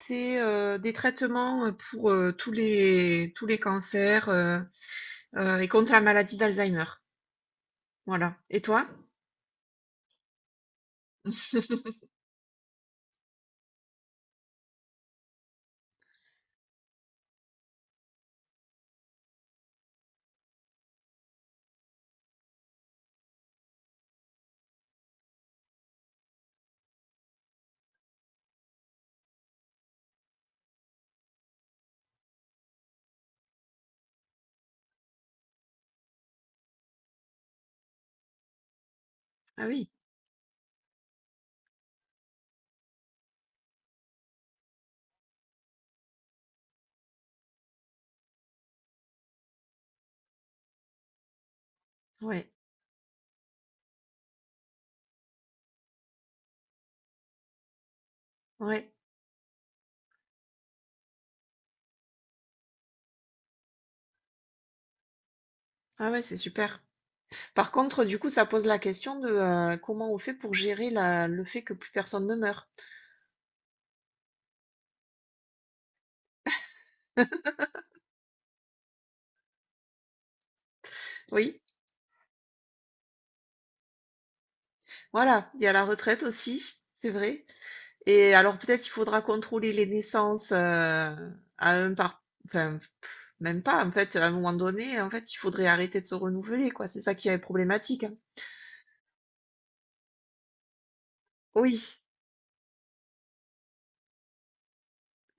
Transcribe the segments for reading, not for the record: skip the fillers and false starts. C'est, des traitements, pour, tous les cancers, et contre la maladie d'Alzheimer. Voilà, et toi? Ah oui, ouais, ouais. Ah ouais, c'est super. Par contre, du coup, ça pose la question de, comment on fait pour gérer la le fait que plus personne ne meurt. Oui, voilà, il y a la retraite aussi, c'est vrai, et alors peut-être il faudra contrôler les naissances, à un par enfin, même pas en fait, à un moment donné, en fait, il faudrait arrêter de se renouveler, quoi. C'est ça qui est problématique, hein. Oui,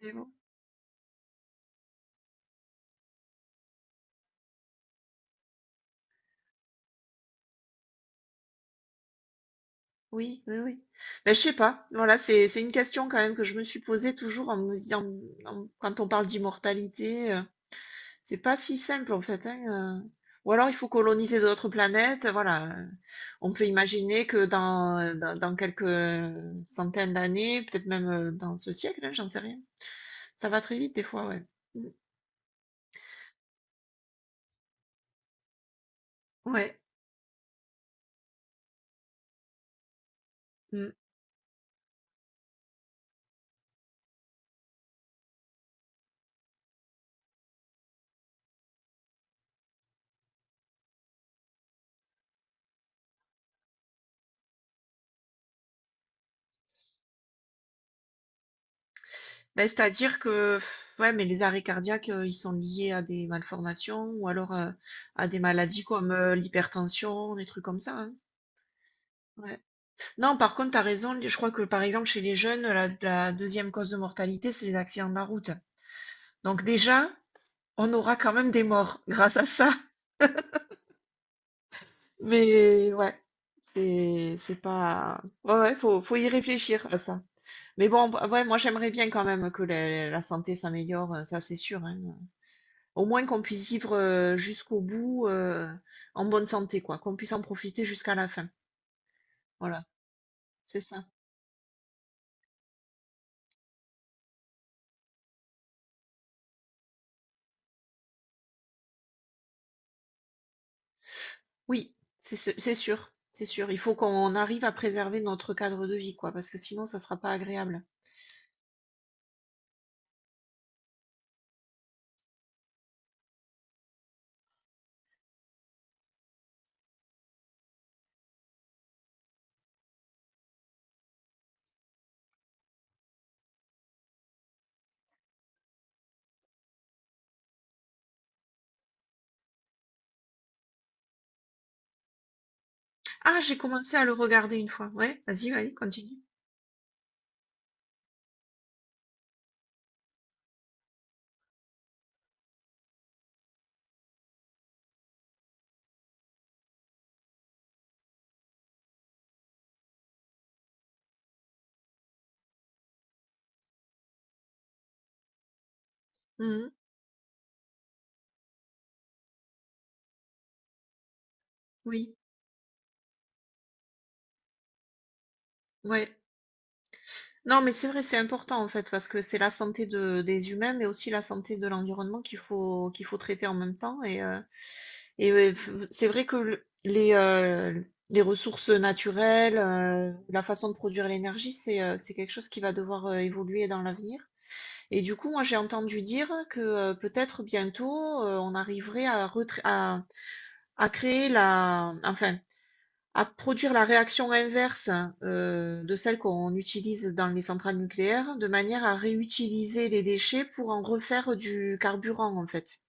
mais bon, oui, oui, oui. Mais je sais pas. Voilà, c'est une question quand même que je me suis posée toujours en me disant, quand on parle d'immortalité, c'est pas si simple en fait, hein. Ou alors il faut coloniser d'autres planètes. Voilà, on peut imaginer que dans quelques centaines d'années, peut-être même dans ce siècle, hein, j'en sais rien. Ça va très vite des fois, ouais. Mm, ouais. Ben, c'est-à-dire que, pff, ouais, mais les arrêts cardiaques, ils sont liés à des malformations ou alors à des maladies comme l'hypertension, des trucs comme ça, hein. Ouais. Non, par contre, t'as raison. Je crois que, par exemple, chez les jeunes, la deuxième cause de mortalité, c'est les accidents de la route. Donc déjà, on aura quand même des morts grâce à ça. Mais ouais, c'est pas. Ouais, ouais, faut y réfléchir à ça. Mais bon, bah, ouais, moi j'aimerais bien quand même que la santé s'améliore, ça c'est sûr, hein. Au moins qu'on puisse vivre, jusqu'au bout, en bonne santé quoi, qu'on puisse en profiter jusqu'à la fin. Voilà, c'est ça. Oui, c'est sûr, c'est sûr. Il faut qu'on arrive à préserver notre cadre de vie quoi, parce que sinon ça sera pas agréable. Ah, j'ai commencé à le regarder une fois. Ouais, vas-y, ouais, continue. Mhm. Oui, ouais. Non, mais c'est vrai, c'est important en fait, parce que c'est la santé de des humains, mais aussi la santé de l'environnement qu'il faut traiter en même temps et et ouais, c'est vrai que les ressources naturelles, la façon de produire l'énergie, c'est quelque chose qui va devoir évoluer dans l'avenir. Et du coup, moi, j'ai entendu dire que peut-être bientôt, on arriverait à créer enfin, à produire la réaction inverse, de celle qu'on utilise dans les centrales nucléaires, de manière à réutiliser les déchets pour en refaire du carburant, en fait.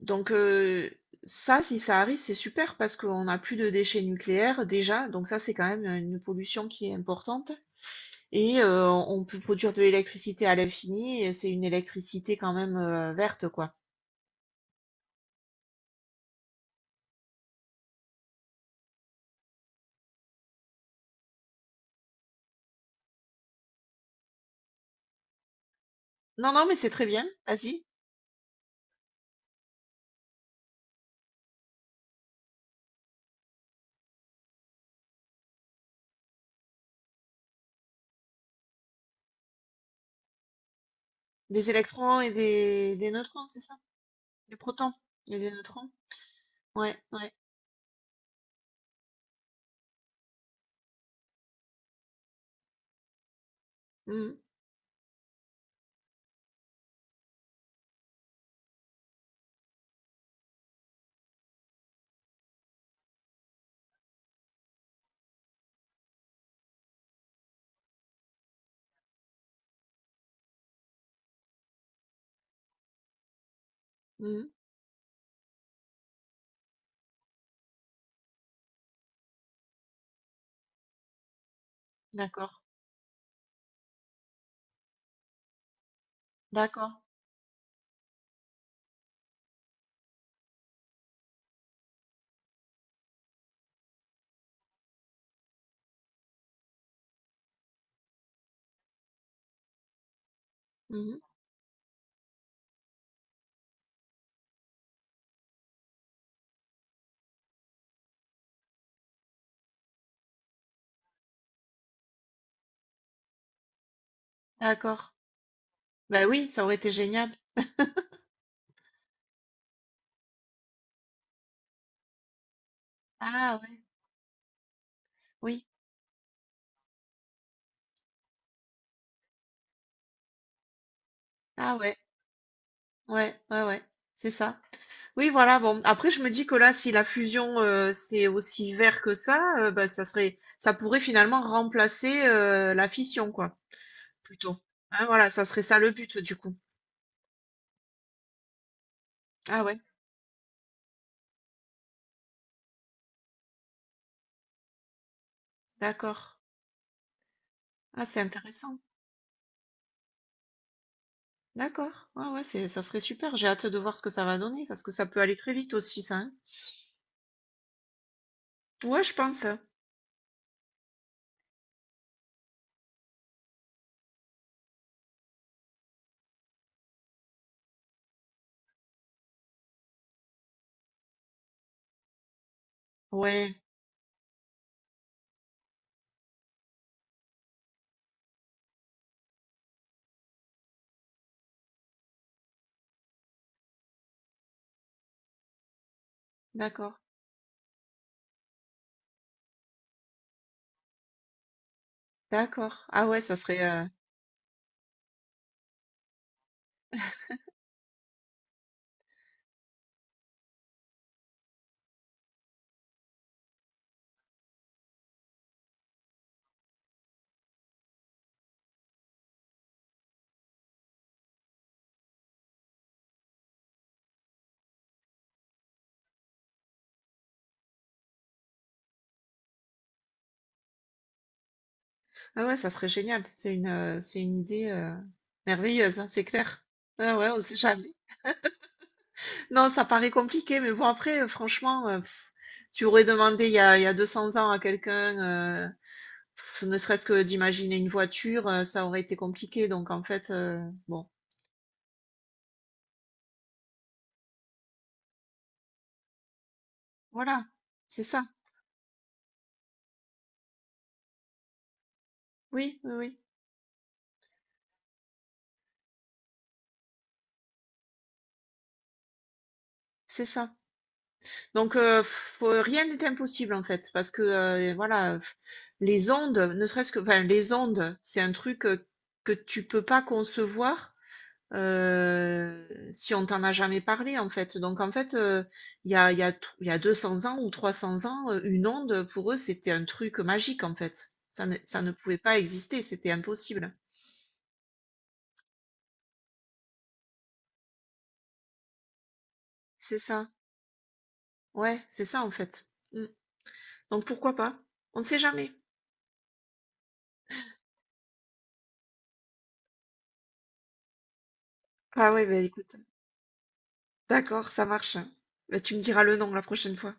Donc ça, si ça arrive, c'est super parce qu'on n'a plus de déchets nucléaires déjà, donc ça c'est quand même une pollution qui est importante. Et on peut produire de l'électricité à l'infini, et c'est une électricité quand même, verte, quoi. Non, non, mais c'est très bien, vas-y. Des électrons et des neutrons, c'est ça? Des protons et des neutrons? Ouais, ouais. Mhm, mhm. D'accord, d'accord, mhm, d'accord. Bah oui, ça aurait été génial. Ah ouais, oui, ah ouais, ouais, ouais, ouais, c'est ça. Oui, voilà, bon. Après, je me dis que là, si la fusion, c'est aussi vert que ça, bah, ça serait, ça pourrait finalement remplacer la fission, quoi, plutôt. Hein, voilà, ça serait ça le but, du coup. Ah ouais, d'accord. Ah, c'est intéressant. D'accord. Ah ouais, ça serait super. J'ai hâte de voir ce que ça va donner, parce que ça peut aller très vite aussi, ça, hein. Ouais, je pense. Ouais, d'accord. D'accord. Ah ouais, ça serait, ah ouais, ça serait génial. C'est une idée, merveilleuse, hein, c'est clair. Ah ouais, on sait jamais. Non, ça paraît compliqué, mais bon, après, franchement, pff, tu aurais demandé il y a 200 ans à quelqu'un, pff, ne serait-ce que d'imaginer une voiture, ça aurait été compliqué. Donc, en fait, bon, voilà, c'est ça. Oui, oui, oui, c'est ça. Donc, pff, rien n'est impossible, en fait, parce que, voilà, pff, les ondes, ne serait-ce que, enfin, les ondes, c'est un truc que tu peux pas concevoir. Si on t'en a jamais parlé, en fait. Donc en fait, il y a 200 ans ou 300 ans, une onde, pour eux, c'était un truc magique, en fait. Ça ne pouvait pas exister, c'était impossible. C'est ça. Ouais, c'est ça, en fait. Mmh. Donc pourquoi pas? On ne sait jamais. Ah ouais, bah, écoute, d'accord, ça marche. Bah, tu me diras le nom la prochaine fois.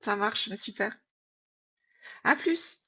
Ça marche, bah, super. À plus!